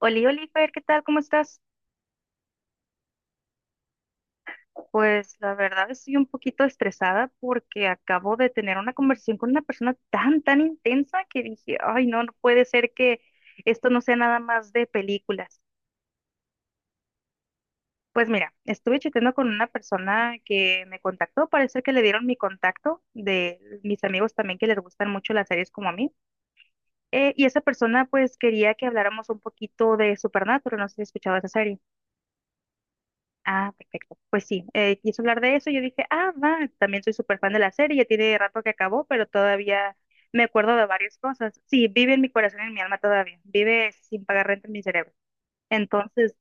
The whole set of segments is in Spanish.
Oli, Oliver, ¿qué tal? ¿Cómo estás? Pues la verdad estoy un poquito estresada porque acabo de tener una conversación con una persona tan, tan intensa que dije, ay, no, no puede ser que esto no sea nada más de películas. Pues mira, estuve chateando con una persona que me contactó, parece que le dieron mi contacto de mis amigos también que les gustan mucho las series como a mí. Y esa persona pues quería que habláramos un poquito de Supernatural, no sé si has escuchado esa serie. Ah, perfecto. Pues sí, quiso hablar de eso. Yo dije, ah, va, también soy súper fan de la serie. Ya tiene rato que acabó, pero todavía me acuerdo de varias cosas. Sí, vive en mi corazón y en mi alma todavía. Vive sin pagar renta en mi cerebro. Entonces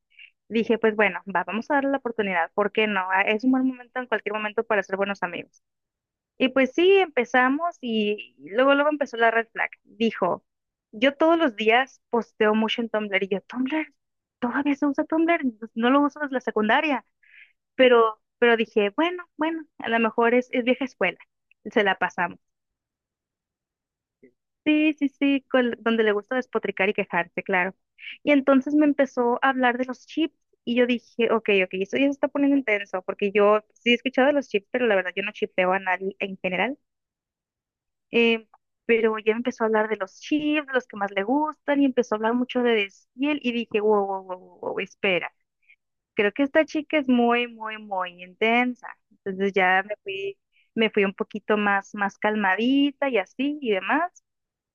dije, pues bueno, va, vamos a darle la oportunidad. ¿Por qué no? Ah, es un buen momento en cualquier momento para ser buenos amigos. Y pues sí, empezamos y luego, luego empezó la red flag. Dijo, yo todos los días posteo mucho en Tumblr y yo, Tumblr, todavía se usa Tumblr, no lo uso desde la secundaria pero dije, bueno, bueno, a lo mejor es vieja escuela, se la pasamos. Sí, sí, sí, donde le gusta despotricar y quejarse, claro. Y entonces me empezó a hablar de los chips y yo dije, ok, ok, esto ya se está poniendo intenso, porque yo sí he escuchado de los chips, pero la verdad yo no chipeo a nadie en general. Eh, pero ya me empezó a hablar de los chips, de los que más le gustan, y empezó a hablar mucho de Desfiel, y dije, wow, wow, wow, wow, wow, espera. Creo que esta chica es muy, muy, muy intensa. Entonces ya me fui un poquito más, más calmadita y así y demás.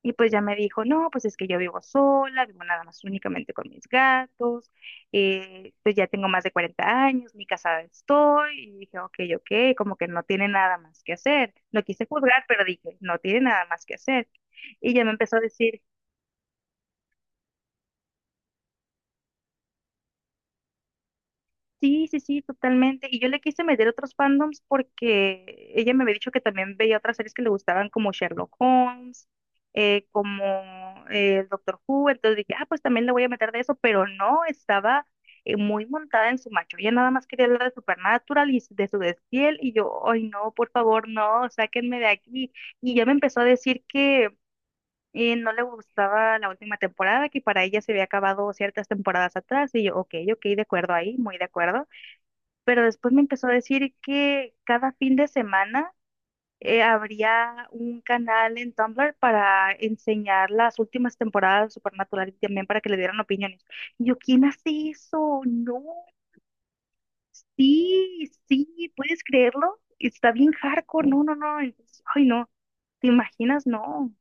Y pues ya me dijo, no, pues es que yo vivo sola, vivo nada más únicamente con mis gatos, pues ya tengo más de 40 años, ni casada estoy. Y dije, ok, ok, como que no tiene nada más que hacer. No quise juzgar, pero dije, no tiene nada más que hacer. Y ya me empezó a decir. Sí, sí, sí, totalmente. Y yo le quise meter otros fandoms porque ella me había dicho que también veía otras series que le gustaban como Sherlock Holmes, como el Doctor Who. Entonces dije, ah, pues también le voy a meter de eso, pero no, estaba muy montada en su macho. Ella nada más quería hablar de Supernatural y de su desfiel. Y yo, ay, no, por favor, no, sáquenme de aquí. Y ya me empezó a decir que no le gustaba la última temporada, que para ella se había acabado ciertas temporadas atrás. Y yo, ok, ok, de acuerdo ahí, muy de acuerdo pero después me empezó a decir que cada fin de semana habría un canal en Tumblr para enseñar las últimas temporadas de Supernatural y también para que le dieran opiniones. Y yo, ¿quién hace eso? No, sí, sí, ¿puedes creerlo? Está bien hardcore, no, no, no, entonces, ay, no, ¿te imaginas? No,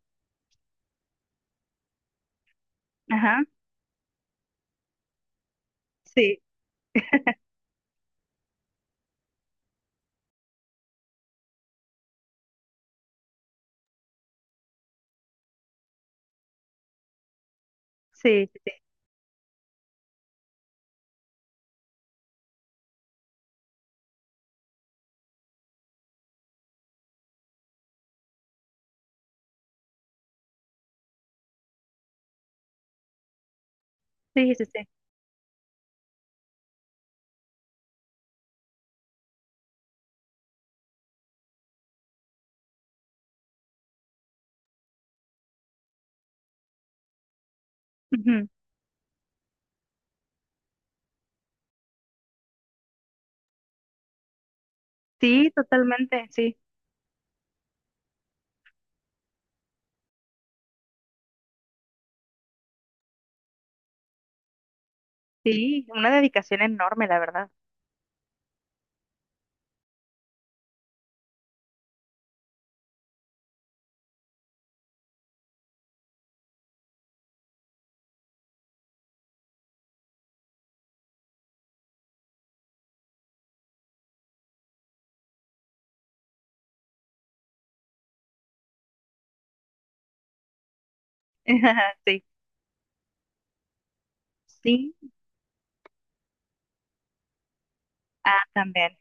ajá, sí, sí, sí, sí, sí, sí, sí, ujú. Sí, totalmente, sí, sí, una dedicación enorme, la verdad, sí, sí, también.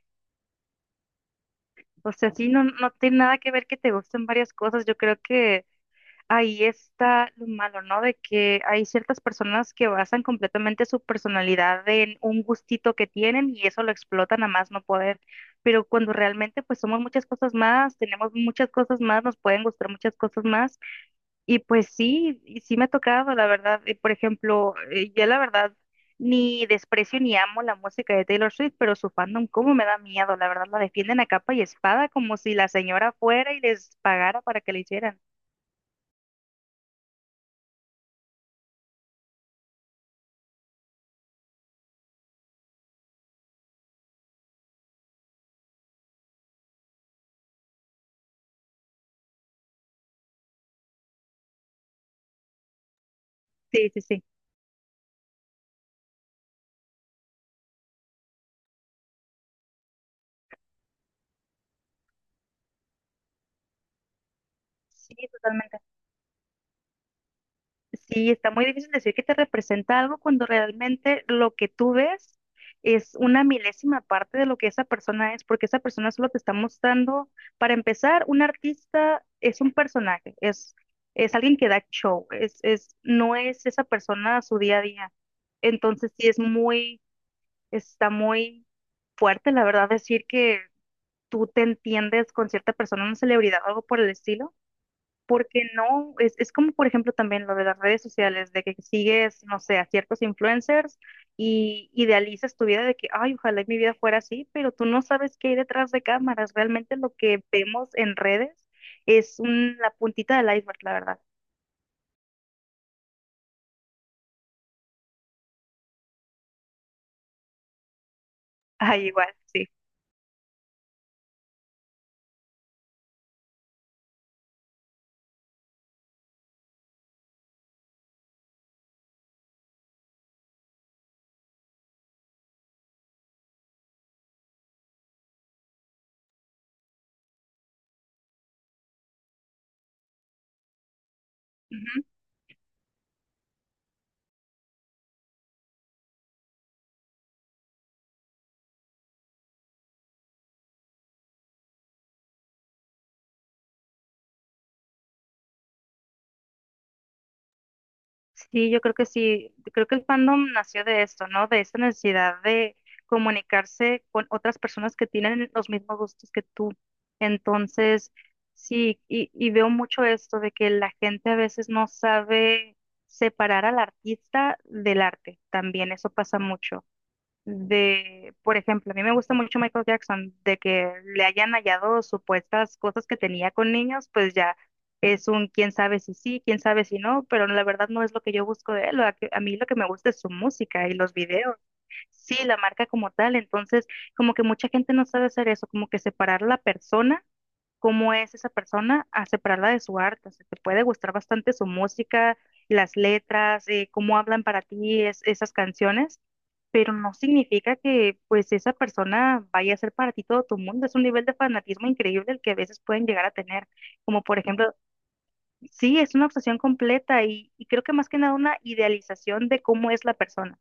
O sea, sí, no, no tiene nada que ver que te gusten varias cosas. Yo creo que ahí está lo malo, ¿no? De que hay ciertas personas que basan completamente su personalidad en un gustito que tienen y eso lo explotan a más no poder. Pero cuando realmente pues somos muchas cosas más, tenemos muchas cosas más, nos pueden gustar muchas cosas más y pues sí, y sí me ha tocado, la verdad. Y, por ejemplo, yo la verdad ni desprecio ni amo la música de Taylor Swift, pero su fandom, cómo me da miedo, la verdad, la defienden a capa y espada como si la señora fuera y les pagara para que la hicieran. Sí, sí, sí. Sí, totalmente. Sí, está muy difícil decir que te representa algo cuando realmente lo que tú ves es una milésima parte de lo que esa persona es, porque esa persona solo te está mostrando, para empezar, un artista es un personaje, es alguien que da show, es, no es esa persona a su día a día. Entonces sí es muy, está muy fuerte, la verdad, decir que tú te entiendes con cierta persona, una celebridad o algo por el estilo porque no, es como por ejemplo también lo de las redes sociales, de que sigues, no sé, a ciertos influencers y idealizas tu vida de que, ay, ojalá y mi vida fuera así, pero tú no sabes qué hay detrás de cámaras. Realmente lo que vemos en redes la puntita del iceberg, la verdad. Ay, igual, sí. Sí, yo creo que sí, creo que el fandom nació de esto, ¿no? De esta necesidad de comunicarse con otras personas que tienen los mismos gustos que tú. Entonces, sí, y veo mucho esto de que la gente a veces no sabe separar al artista del arte. También eso pasa mucho de, por ejemplo, a mí me gusta mucho Michael Jackson, de que le hayan hallado supuestas cosas que tenía con niños, pues ya es un quién sabe si sí, quién sabe si no, pero la verdad no es lo que yo busco de él, a mí lo que me gusta es su música y los videos, sí, la marca como tal, entonces como que mucha gente no sabe hacer eso, como que separar la persona cómo es esa persona a separarla de su arte. O sea, te puede gustar bastante su música, las letras, cómo hablan para ti esas canciones, pero no significa que pues esa persona vaya a ser para ti todo tu mundo. Es un nivel de fanatismo increíble el que a veces pueden llegar a tener. Como por ejemplo, sí, es una obsesión completa y creo que más que nada una idealización de cómo es la persona.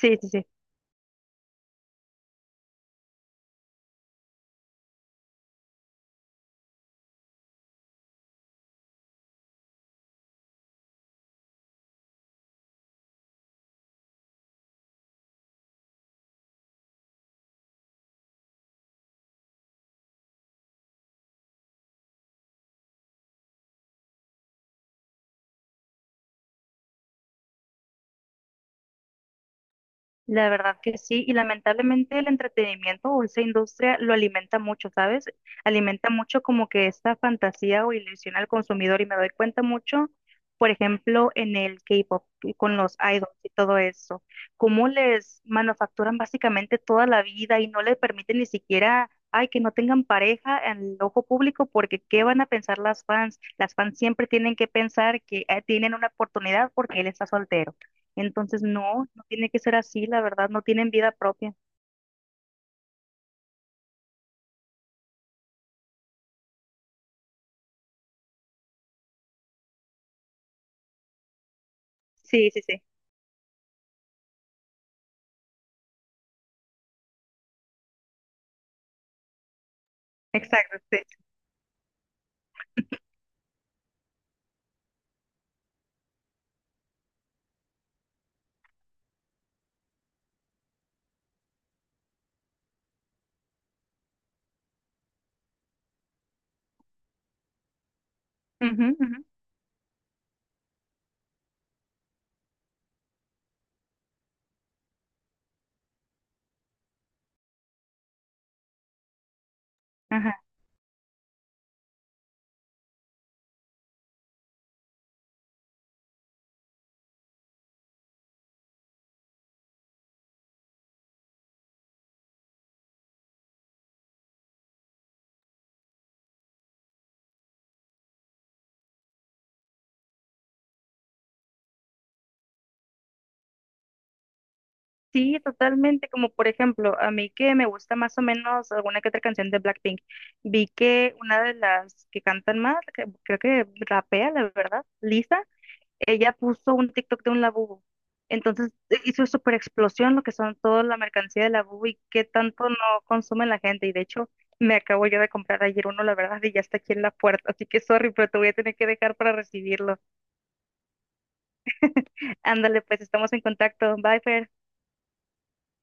Sí, sí, sí. La verdad que sí, y lamentablemente el entretenimiento o esa industria lo alimenta mucho, ¿sabes? Alimenta mucho como que esta fantasía o ilusión al consumidor y me doy cuenta mucho, por ejemplo, en el K-pop, y con los idols y todo eso, cómo les manufacturan básicamente toda la vida y no les permiten ni siquiera, ay, que no tengan pareja en el ojo público porque ¿qué van a pensar las fans? Las fans siempre tienen que pensar que tienen una oportunidad porque él está soltero. Entonces, no, no tiene que ser así, la verdad, no tienen vida propia. Sí, sí, sí, exacto, sí. Ujú, ujú, ajá. Sí, totalmente, como por ejemplo, a mí que me gusta más o menos alguna que otra canción de Blackpink, vi que una de las que cantan más, que creo que rapea, la verdad, Lisa, ella puso un TikTok de un labubu. Entonces hizo súper explosión lo que son toda la mercancía de labubu y qué tanto no consume la gente. Y de hecho, me acabo yo de comprar ayer uno, la verdad, y ya está aquí en la puerta. Así que sorry, pero te voy a tener que dejar para recibirlo. Ándale, pues estamos en contacto. Bye, Fer.